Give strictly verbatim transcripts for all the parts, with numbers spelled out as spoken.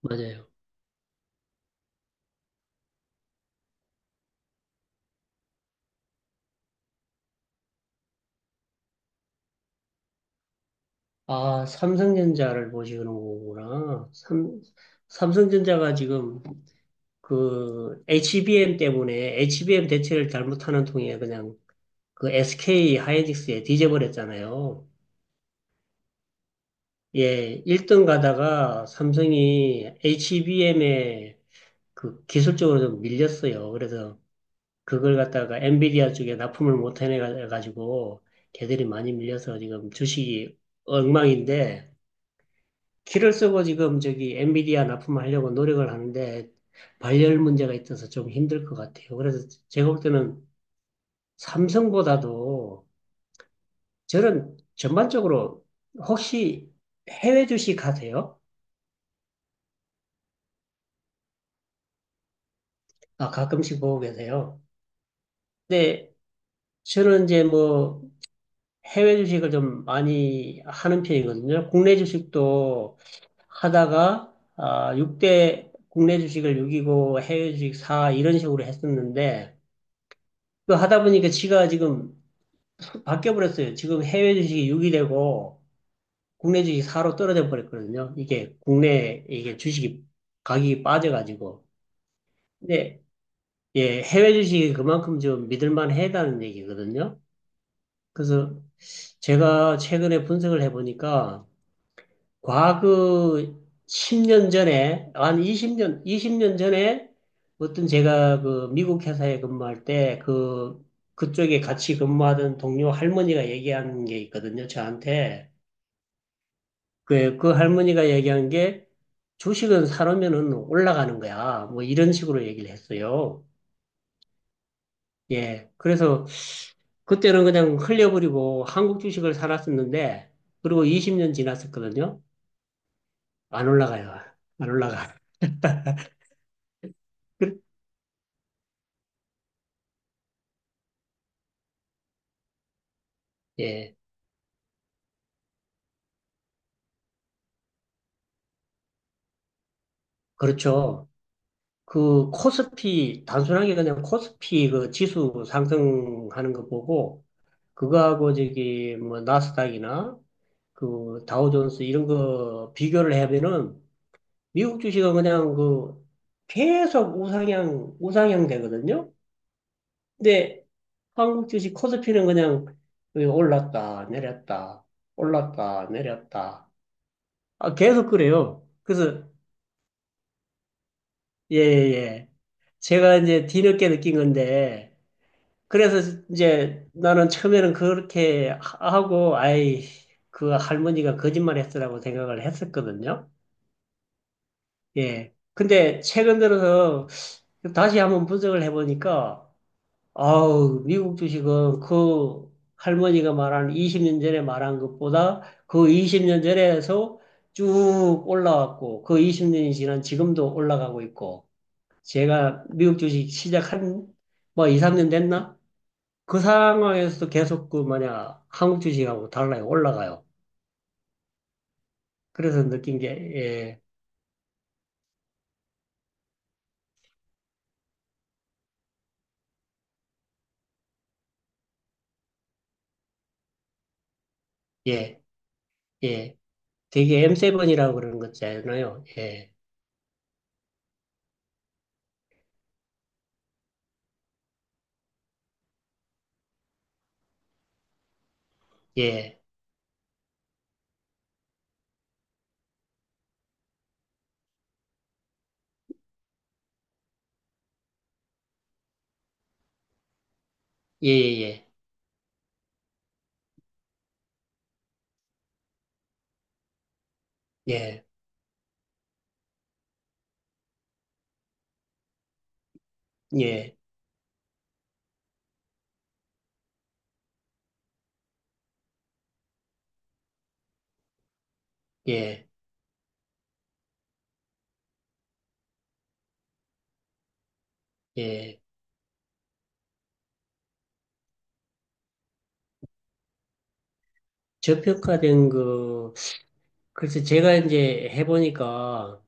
맞아요. 아, 삼성전자를 보시는 거구나. 삼, 삼성전자가 지금 그 에이치비엠 때문에 에이치비엠 대체를 잘못하는 통에 그냥 그 에스케이 하이닉스에 뒤져버렸잖아요. 예, 일 등 가다가 삼성이 에이치비엠에 그 기술적으로 좀 밀렸어요. 그래서 그걸 갖다가 엔비디아 쪽에 납품을 못 해내가지고 걔들이 많이 밀려서 지금 주식이 엉망인데 키를 쓰고 지금 저기 엔비디아 납품하려고 노력을 하는데 발열 문제가 있어서 좀 힘들 것 같아요. 그래서 제가 볼 때는 삼성보다도 저는 전반적으로 혹시 해외 주식 하세요? 아, 가끔씩 보고 계세요. 근데 저는 이제 뭐 해외 주식을 좀 많이 하는 편이거든요. 국내 주식도 하다가 아, 육 대 국내 주식을 육이고 해외 주식 사 이런 식으로 했었는데 그 하다 보니까 지가 지금 바뀌어 버렸어요. 지금 해외 주식이 육이 되고 국내 주식이 사로 떨어져 버렸거든요. 이게 국내 이게 주식이 가격이 빠져가지고. 근데 예, 해외 주식이 그만큼 좀 믿을 만하다는 얘기거든요. 그래서 제가 최근에 분석을 해보니까 과거 십 년 전에, 한 이십 년 이십 년 전에 어떤 제가 그 미국 회사에 근무할 때 그, 그쪽에 같이 근무하던 동료 할머니가 얘기한 게 있거든요, 저한테. 그, 그 할머니가 얘기한 게 주식은 사놓으면은 올라가는 거야. 뭐 이런 식으로 얘기를 했어요. 예. 그래서 그때는 그냥 흘려버리고 한국 주식을 사놨었는데, 그리고 이십 년 지났었거든요. 안 올라가요. 안 올라가. 예. 그렇죠. 그 코스피 단순하게 그냥 코스피 그 지수 상승하는 거 보고 그거하고 저기 뭐 나스닥이나 그 다우존스 이런 거 비교를 하면은 미국 주식은 그냥 그 계속 우상향 우상향 되거든요. 근데 한국 주식 코스피는 그냥 그 올랐다 내렸다 올랐다 내렸다 아, 계속 그래요. 그래서 예예 예 예, 예. 제가 이제 뒤늦게 느낀 건데. 그래서 이제 나는 처음에는 그렇게 하- 하고, 아이, 그 할머니가 거짓말 했으라고 생각을 했었거든요. 예. 근데 최근 들어서 다시 한번 분석을 해보니까, 아우, 미국 주식은 그 할머니가 말한 이십 년 전에 말한 것보다 그 이십 년 전에서 쭉 올라왔고, 그 이십 년이 지난 지금도 올라가고 있고, 제가 미국 주식 시작한 뭐 이, 삼 년 됐나? 그 상황에서도 계속 그 뭐냐 한국 주식하고 달러가 올라가요. 그래서 느낀 게 예, 예, 예. 되게 엠 칠이라고 그러는 거잖아요. 예, 예, 예, 예, 예, 예, 예, 예. 예. 저평가된 그 글쎄 제가 이제 해보니까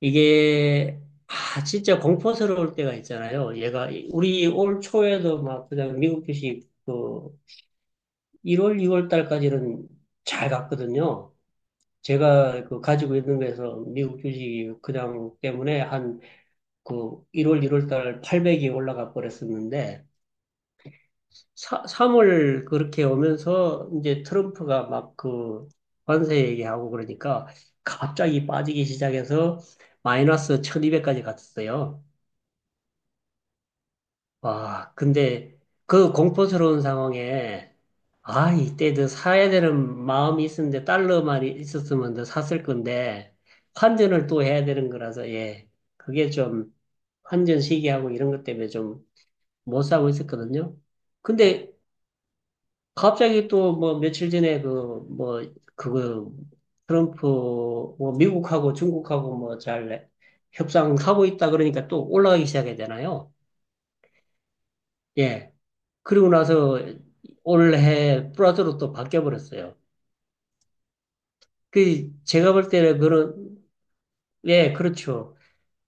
이게 아 진짜 공포스러울 때가 있잖아요. 얘가 우리 올 초에도 막 그냥 미국 주식 그 일월, 이월 달까지는 잘 갔거든요. 제가 그 가지고 있는 거에서 미국 주식이 그냥 때문에 한 그 일월 일월 달 팔백이 올라가 버렸었는데, 사, 삼월 그렇게 오면서 이제 트럼프가 막 그 관세 얘기하고 그러니까 갑자기 빠지기 시작해서 마이너스 천이백까지 갔었어요. 와, 근데 그 공포스러운 상황에, 아, 이때 더 사야 되는 마음이 있었는데, 달러만 있었으면 더 샀을 건데, 환전을 또 해야 되는 거라서, 예. 그게 좀, 환전 시기하고 이런 것 때문에 좀 못 사고 있었거든요. 근데 갑자기 또 뭐 며칠 전에 그, 뭐, 그거, 트럼프, 뭐 미국하고 중국하고 뭐 잘 협상하고 있다 그러니까 또 올라가기 시작해야 되나요? 예. 그리고 나서 올해 플라토로 또 바뀌어 버렸어요. 그 제가 볼 때는 그런 예, 그렇죠.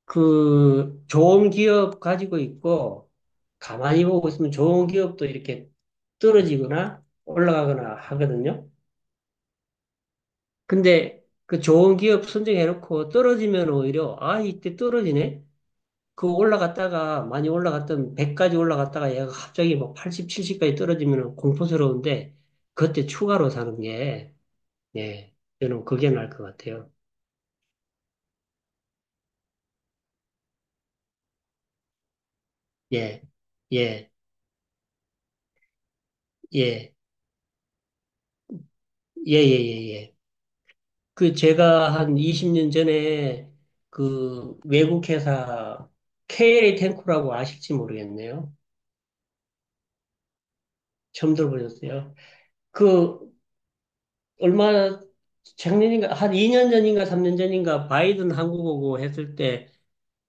그 좋은 기업 가지고 있고 가만히 보고 있으면 좋은 기업도 이렇게 떨어지거나 올라가거나 하거든요. 근데 그 좋은 기업 선정해 놓고 떨어지면 오히려 아, 이때 떨어지네. 그 올라갔다가 많이 올라갔던 백까지 올라갔다가 얘가 갑자기 뭐 팔십, 칠십까지 떨어지면 공포스러운데 그때 추가로 사는 게 예. 저는 그게 나을 것 같아요. 예. 예. 예. 예. 예. 예. 예. 그 제가 한 이십 년 전에 그 외국 회사 케이엘에이 탱코라고 아실지 모르겠네요. 처음 들어보셨어요? 그 얼마 작년인가 한 이 년 전인가 삼 년 전인가 바이든 한국 오고 했을 때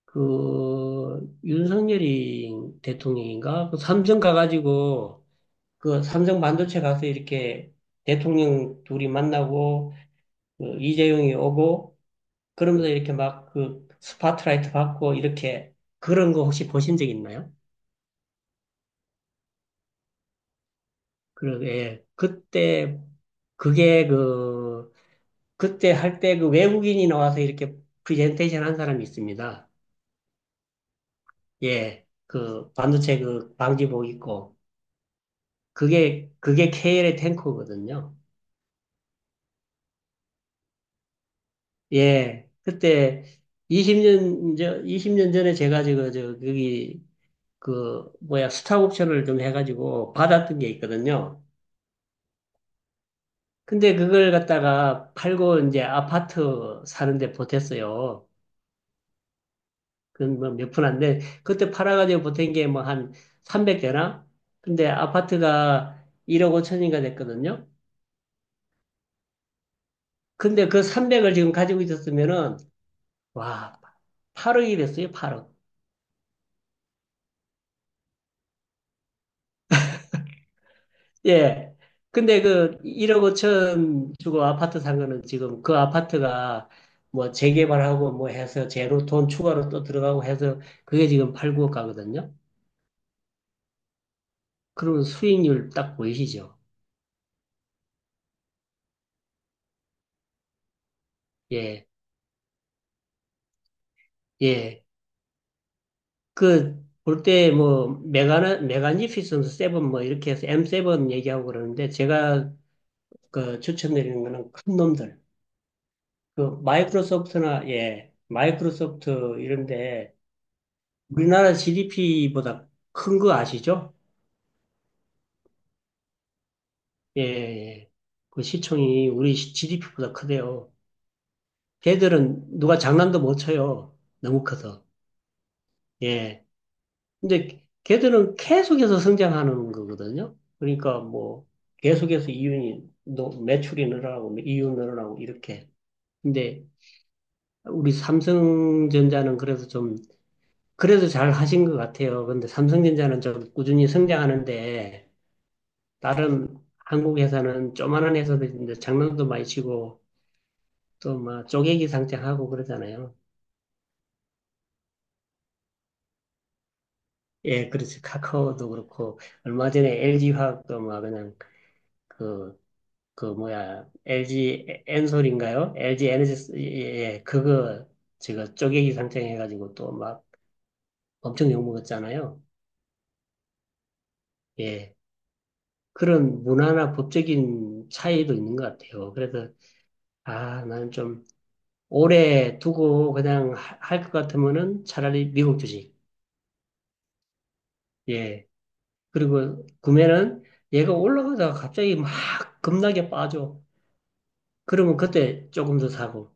그 윤석열이 대통령인가 그 삼성 가가지고 그 삼성 반도체 가서 이렇게 대통령 둘이 만나고 그 이재용이 오고 그러면서 이렇게 막 그 스파트라이트 받고 이렇게 그런 거 혹시 보신 적 있나요? 그, 예. 그때 그게 그 그때 할 때 그 외국인이 나와서 이렇게 프레젠테이션 한 사람이 있습니다. 예. 그 반도체 그 방지복 입고 그게 그게 케이엘의 탱커거든요. 예, 그때 이십 년, 저, 이십 년 전에 제가 저거, 저, 거기, 그, 뭐야, 수탁 옵션을 좀 해가지고 받았던 게 있거든요. 근데 그걸 갖다가 팔고 이제 아파트 사는데 보탰어요. 그건 뭐몇푼 안 돼. 그때 팔아가지고 보탠 게 뭐 한 삼백 대나? 근데 아파트가 일억 오천인가 됐거든요. 근데 그 삼백을 지금 가지고 있었으면은, 와, 팔억이 됐어요, 팔억. 예. 근데 그 일억 오천 주고 아파트 산 거는 지금 그 아파트가 뭐 재개발하고 뭐 해서 제로 돈 추가로 또 들어가고 해서 그게 지금 팔, 구억 가거든요. 그러면 수익률 딱 보이시죠? 예. 예. 그 볼 때 뭐 메가나 메간 이피슨 세븐 뭐 이렇게 해서 엠 세븐 얘기하고 그러는데 제가 그 추천드리는 거는 큰 놈들. 그 마이크로소프트나 예. 마이크로소프트 이런데 우리나라 지디피보다 큰 거 아시죠? 예, 예. 그 시총이 우리 지디피보다 크대요. 걔들은 누가 장난도 못 쳐요. 너무 커서. 예. 근데 걔들은 계속해서 성장하는 거거든요. 그러니까 뭐 계속해서 이윤이 노- 매출이 늘어나고 뭐 이윤 늘어나고 이렇게. 근데 우리 삼성전자는 그래서 좀 그래도 잘 하신 것 같아요. 근데 삼성전자는 좀 꾸준히 성장하는데 다른 한국 회사는 조만한 회사들인데 장난도 많이 치고 또 막 쪼개기 상장하고 그러잖아요. 예, 그렇지. 카카오도 그렇고 얼마 전에 엘지 화학도 막 그냥 그, 그 뭐야 엘지 엔솔인가요? 엘지 에너지 예, 예, 예. 그거 제가 쪼개기 상장해가지고 또 막 엄청 욕먹었잖아요. 예, 그런 문화나 법적인 차이도 있는 것 같아요. 그래서 아, 나는 좀 오래 두고 그냥 할 것 같으면은 차라리 미국 주식. 예. 그리고 구매는 얘가 올라가다가 갑자기 막 급락에 빠져. 그러면 그때 조금 더 사고.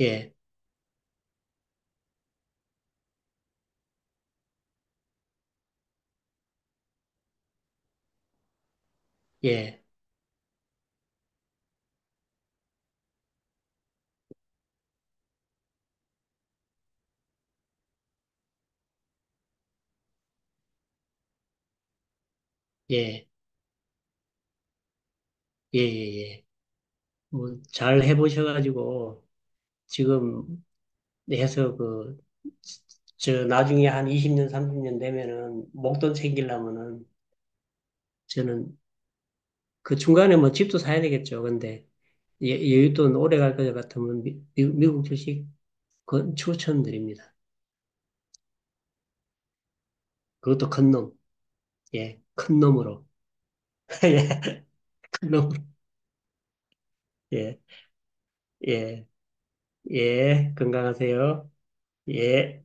예. 예. 예. 예. 예. 예. 뭐 잘 해보셔가지고 지금 해서 그, 저 나중에 한 이십 년, 삼십 년 되면은 목돈 챙기려면은 저는 그 중간에 뭐 집도 사야 되겠죠. 근데 예- 여윳돈 오래 갈 것 같으면 미, 미- 미국 주식 건 추천드립니다. 그것도 큰 놈. 예, 큰 놈으로. 예, 큰 놈으로. 예, 예, 예. 건강하세요. 예.